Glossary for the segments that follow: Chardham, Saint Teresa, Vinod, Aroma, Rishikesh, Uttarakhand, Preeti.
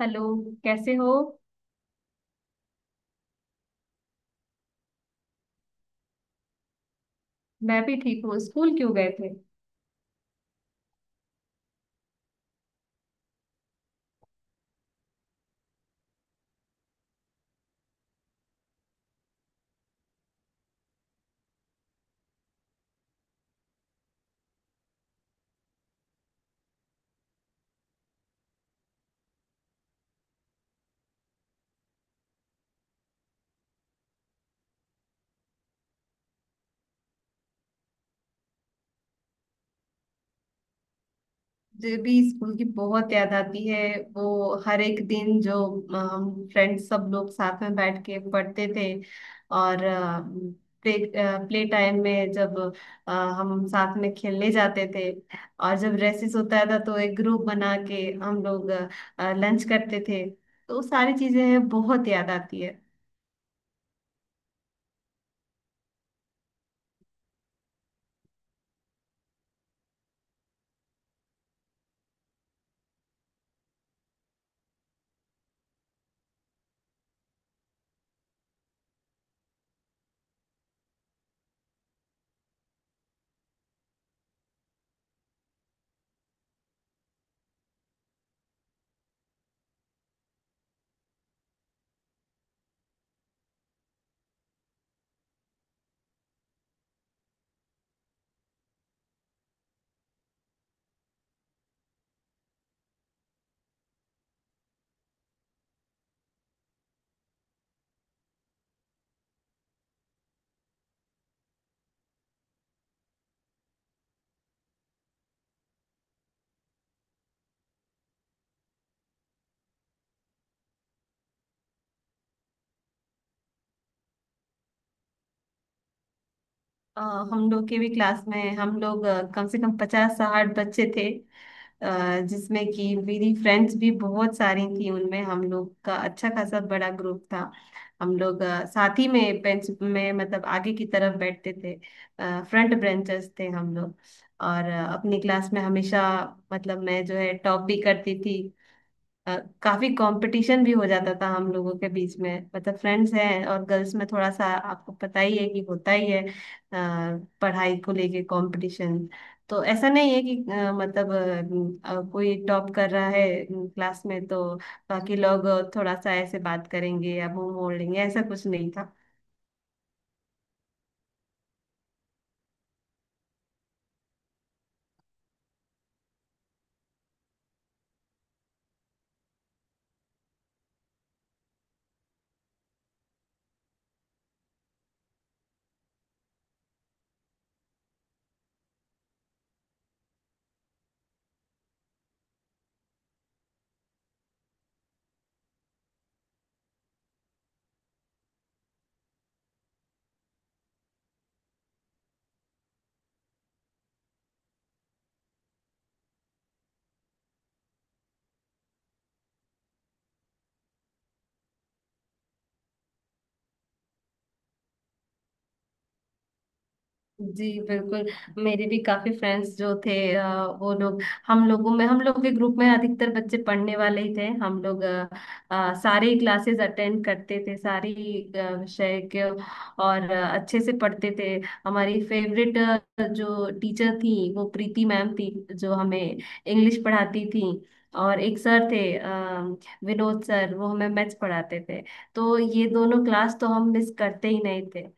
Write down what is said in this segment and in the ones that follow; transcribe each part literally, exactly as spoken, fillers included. Hello. कैसे हो? मैं भी ठीक हूँ। स्कूल क्यों गए थे? मुझे भी स्कूल की बहुत याद आती है। वो हर एक दिन जो हम फ्रेंड्स सब लोग साथ में बैठ के पढ़ते थे और प्ले प्ले टाइम में जब अ, हम साथ में खेलने जाते थे। और जब रेसिस होता था तो एक ग्रुप बना के हम लोग लंच करते थे, तो वो सारी चीजें हैं, बहुत याद आती है। अ, हम लोग के भी क्लास में हम लोग अ, कम से कम पचास साठ बच्चे थे। अ, जिसमें कि मेरी फ्रेंड्स भी बहुत सारी थी, उनमें हम लोग का अच्छा खासा बड़ा ग्रुप था। हम लोग अ, साथ ही में बेंच में मतलब आगे की तरफ बैठते थे। फ्रंट ब्रेंचर्स थे हम लोग। और अ, अपनी क्लास में हमेशा मतलब मैं जो है टॉप भी करती थी। अ, काफी कंपटीशन भी हो जाता था हम लोगों के बीच में, मतलब फ्रेंड्स हैं और गर्ल्स में थोड़ा सा आपको पता ही है कि होता ही है अ, पढ़ाई को लेके कंपटीशन। तो ऐसा नहीं है कि अ, मतलब अ, अ, कोई टॉप कर रहा है क्लास में तो बाकी लोग थोड़ा सा ऐसे बात करेंगे या मुंह मोड़ लेंगे, ऐसा कुछ नहीं था। जी बिल्कुल। मेरे भी काफी फ्रेंड्स जो थे अ, वो लोग, हम लोगों में हम लोग के ग्रुप में अधिकतर बच्चे पढ़ने वाले ही थे। हम लोग अ, अ, सारे क्लासेस अटेंड करते थे, सारी अ, विषय के। और अ, अच्छे से पढ़ते थे। हमारी फेवरेट जो टीचर थी वो प्रीति मैम थी, जो हमें इंग्लिश पढ़ाती थी। और एक सर थे अ, विनोद सर, वो हमें मैथ्स पढ़ाते थे। तो ये दोनों क्लास तो हम मिस करते ही नहीं थे।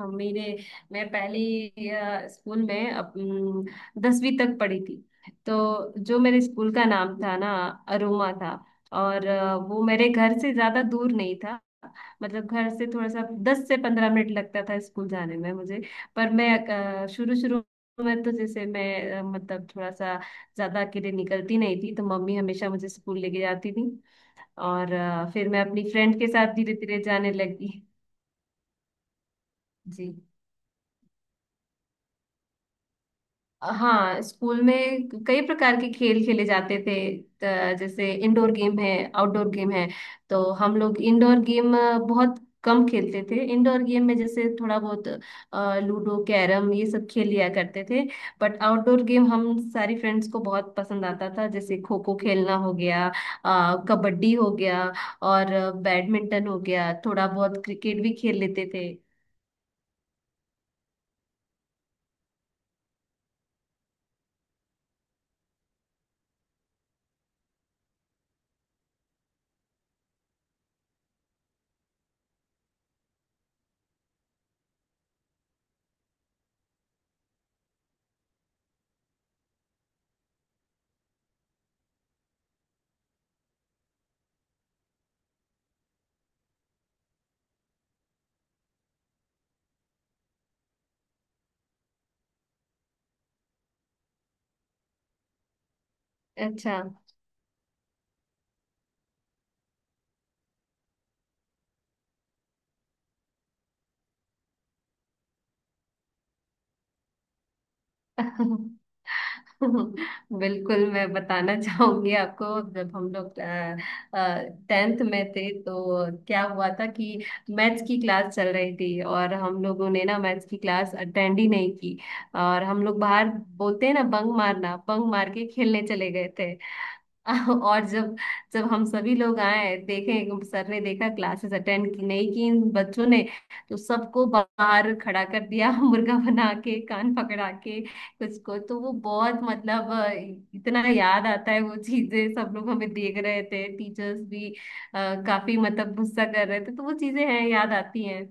हम मेरे मैं पहली अ, स्कूल में अप- अम, दसवीं तक पढ़ी थी। तो जो मेरे स्कूल का नाम था ना, अरोमा था। और अ, वो मेरे घर से ज्यादा दूर नहीं था। मतलब घर से थोड़ा सा दस से पंद्रह मिनट लगता था स्कूल जाने में मुझे। पर मैं शुरू शुरू में तो जैसे मैं अ, मतलब थोड़ा सा ज्यादा अकेले निकलती नहीं थी, तो मम्मी हमेशा मुझे स्कूल लेके जाती थी। और अ, फिर मैं अपनी फ्रेंड के साथ धीरे धीरे जाने लगी। जी हाँ, स्कूल में कई प्रकार के खेल खेले जाते थे। त- जैसे इंडोर गेम है, आउटडोर गेम है। तो हम लोग इंडोर गेम बहुत कम खेलते थे। इंडोर गेम में जैसे थोड़ा बहुत अ, लूडो, कैरम ये सब खेल लिया करते थे। बट आउटडोर गेम हम सारी फ्रेंड्स को बहुत पसंद आता था, जैसे खो खो खेलना हो गया, अ, कबड्डी हो गया, और बैडमिंटन हो गया, थोड़ा बहुत क्रिकेट भी खेल लेते थे। अच्छा। बिल्कुल, मैं बताना चाहूंगी आपको। जब हम लोग टेंथ में थे, तो क्या हुआ था कि मैथ्स की क्लास चल रही थी, और हम लोगों ने ना मैथ्स की क्लास अटेंड ही नहीं की। और हम लोग बाहर, बोलते हैं ना बंक मारना, बंक मार के खेलने चले गए थे। और जब जब हम सभी लोग आए, देखे, सर ने देखा क्लासेस अटेंड की नहीं की इन बच्चों ने, तो सबको बाहर खड़ा कर दिया। मुर्गा बना के, कान पकड़ा के कुछ को, तो वो बहुत मतलब अ, इतना याद आता है वो चीजें, सब लोग हमें देख रहे थे, टीचर्स भी अ, काफी मतलब गुस्सा कर रहे थे, तो वो चीजें हैं, याद आती हैं।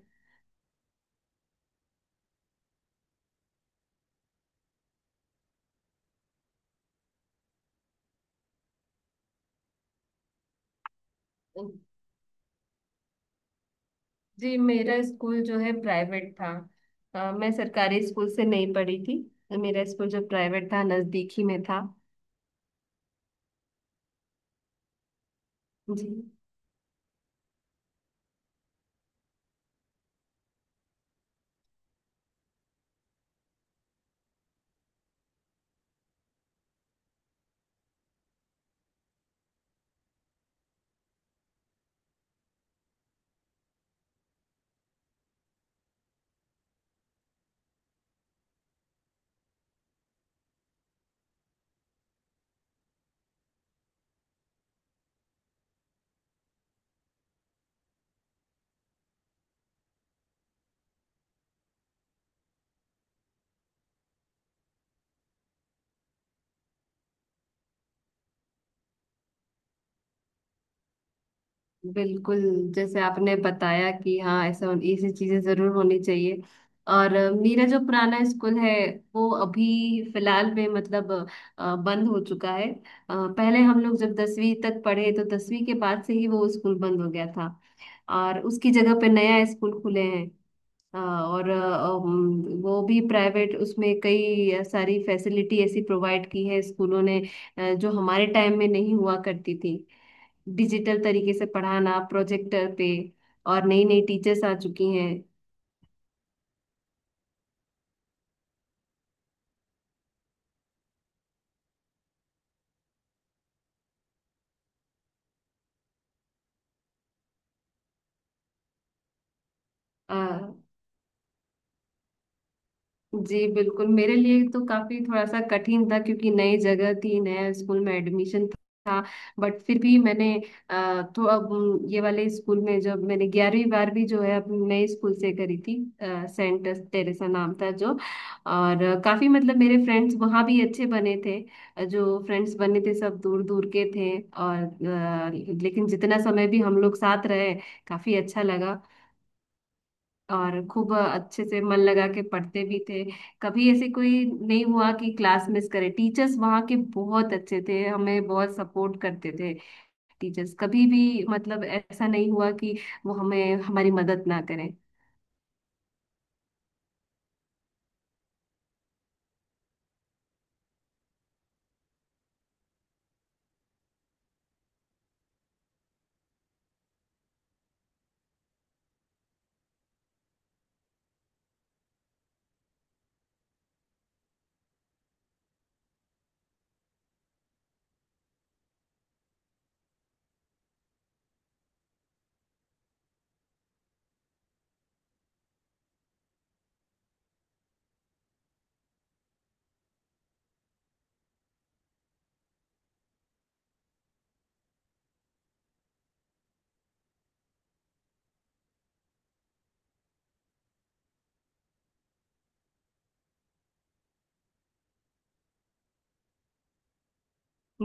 जी, मेरा स्कूल जो है प्राइवेट था। अ, मैं सरकारी स्कूल से नहीं पढ़ी थी। मेरा स्कूल जो प्राइवेट था नजदीक ही में था। जी बिल्कुल। जैसे आपने बताया कि हाँ, ऐसा ऐसी चीजें जरूर होनी चाहिए। और अ, मेरा जो पुराना स्कूल है वो अभी फिलहाल में मतलब अ, बंद हो चुका है। अ, पहले हम लोग जब दसवीं तक पढ़े, तो दसवीं के बाद से ही वो स्कूल बंद हो गया था। और उसकी जगह पे नया स्कूल खुले हैं। अ, और अ, उम, वो भी प्राइवेट, उसमें कई सारी फैसिलिटी ऐसी प्रोवाइड की है स्कूलों ने अ, जो हमारे टाइम में नहीं हुआ करती थी। डिजिटल तरीके से पढ़ाना प्रोजेक्टर पे, और नई नई टीचर्स आ चुकी हैं। जी बिल्कुल, मेरे लिए तो काफी थोड़ा सा कठिन था क्योंकि नई जगह थी, नया स्कूल में एडमिशन था। बट फिर भी मैंने अ, तो अब उम, ये वाले स्कूल में जब मैंने ग्यारहवीं बारहवीं जो है अपने नए स्कूल से करी थी। अ, सेंट टेरेसा नाम था जो, और अ, काफी मतलब मेरे फ्रेंड्स वहाँ भी अच्छे बने थे। अ, जो फ्रेंड्स बने थे सब दूर दूर के थे। और अ, लेकिन जितना समय भी हम लोग साथ रहे, काफी अच्छा लगा और खूब अच्छे से मन लगा के पढ़ते भी थे। कभी ऐसे कोई नहीं हुआ कि क्लास मिस करे, टीचर्स वहाँ के बहुत अच्छे थे, हमें बहुत सपोर्ट करते थे। टीचर्स कभी भी मतलब ऐसा नहीं हुआ कि वो हमें, हमारी मदद ना करें।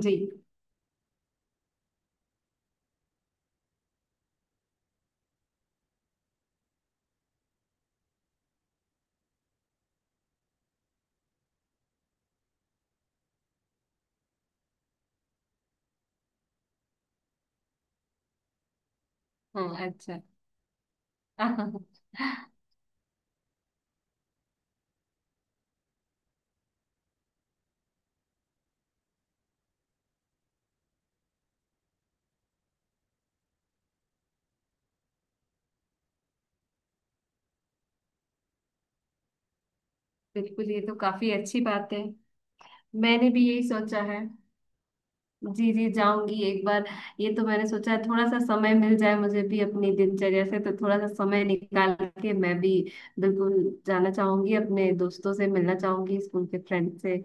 जी हाँ, अच्छा। बिल्कुल, ये तो काफी अच्छी बात है, मैंने भी यही सोचा है। जी जी, जाऊंगी एक बार। ये तो मैंने सोचा है, थोड़ा सा समय मिल जाए मुझे भी अपनी दिनचर्या से, तो थोड़ा सा समय निकाल के मैं भी बिल्कुल जाना चाहूंगी, अपने दोस्तों से मिलना चाहूंगी स्कूल के फ्रेंड से।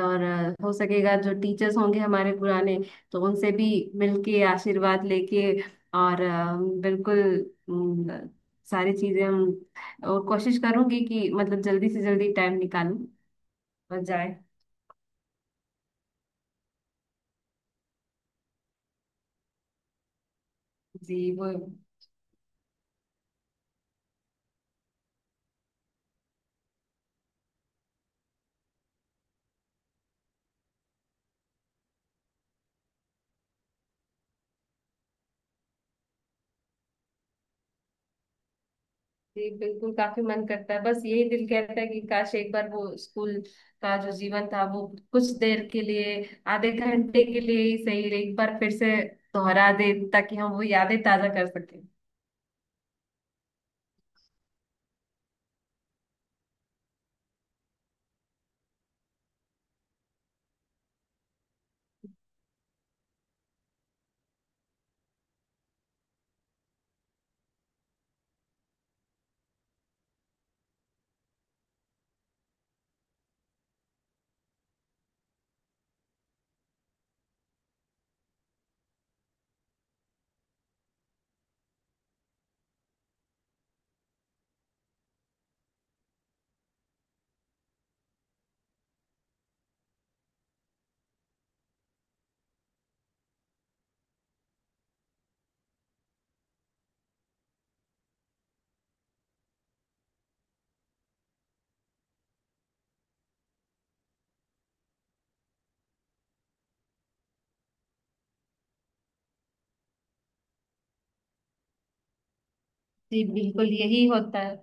और अ, हो सकेगा जो टीचर्स होंगे हमारे पुराने, तो उनसे भी मिलके आशीर्वाद लेके, और अ, बिल्कुल अम, सारी चीजें हम। और कोशिश करूंगी कि मतलब जल्दी से जल्दी टाइम निकालूं और जाए। जी वो, जी बिल्कुल, काफी मन करता है। बस यही दिल कहता है कि काश एक बार वो स्कूल का जो जीवन था वो कुछ देर के लिए, आधे घंटे के लिए ही सही, एक बार फिर से दोहरा दे ताकि हम वो यादें ताजा कर सकें। जी बिल्कुल, यही होता है।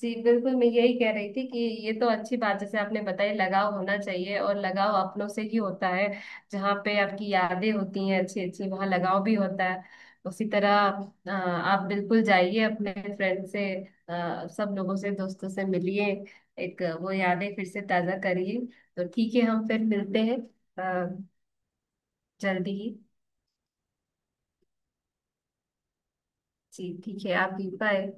जी बिल्कुल, मैं यही कह रही थी कि ये तो अच्छी बात जैसे आपने बताई, लगाव होना चाहिए और लगाव अपनों से ही होता है। जहाँ पे आपकी यादें होती हैं अच्छी अच्छी, वहाँ लगाव भी होता है। उसी तरह अ, आप बिल्कुल जाइए, अपने फ्रेंड से, अ, सब लोगों से, दोस्तों से मिलिए। एक अ, वो यादें फिर से ताजा करिए। तो ठीक है, हम फिर मिलते हैं अ, जल्दी ही। जी ठीक है, आप भी। बाय।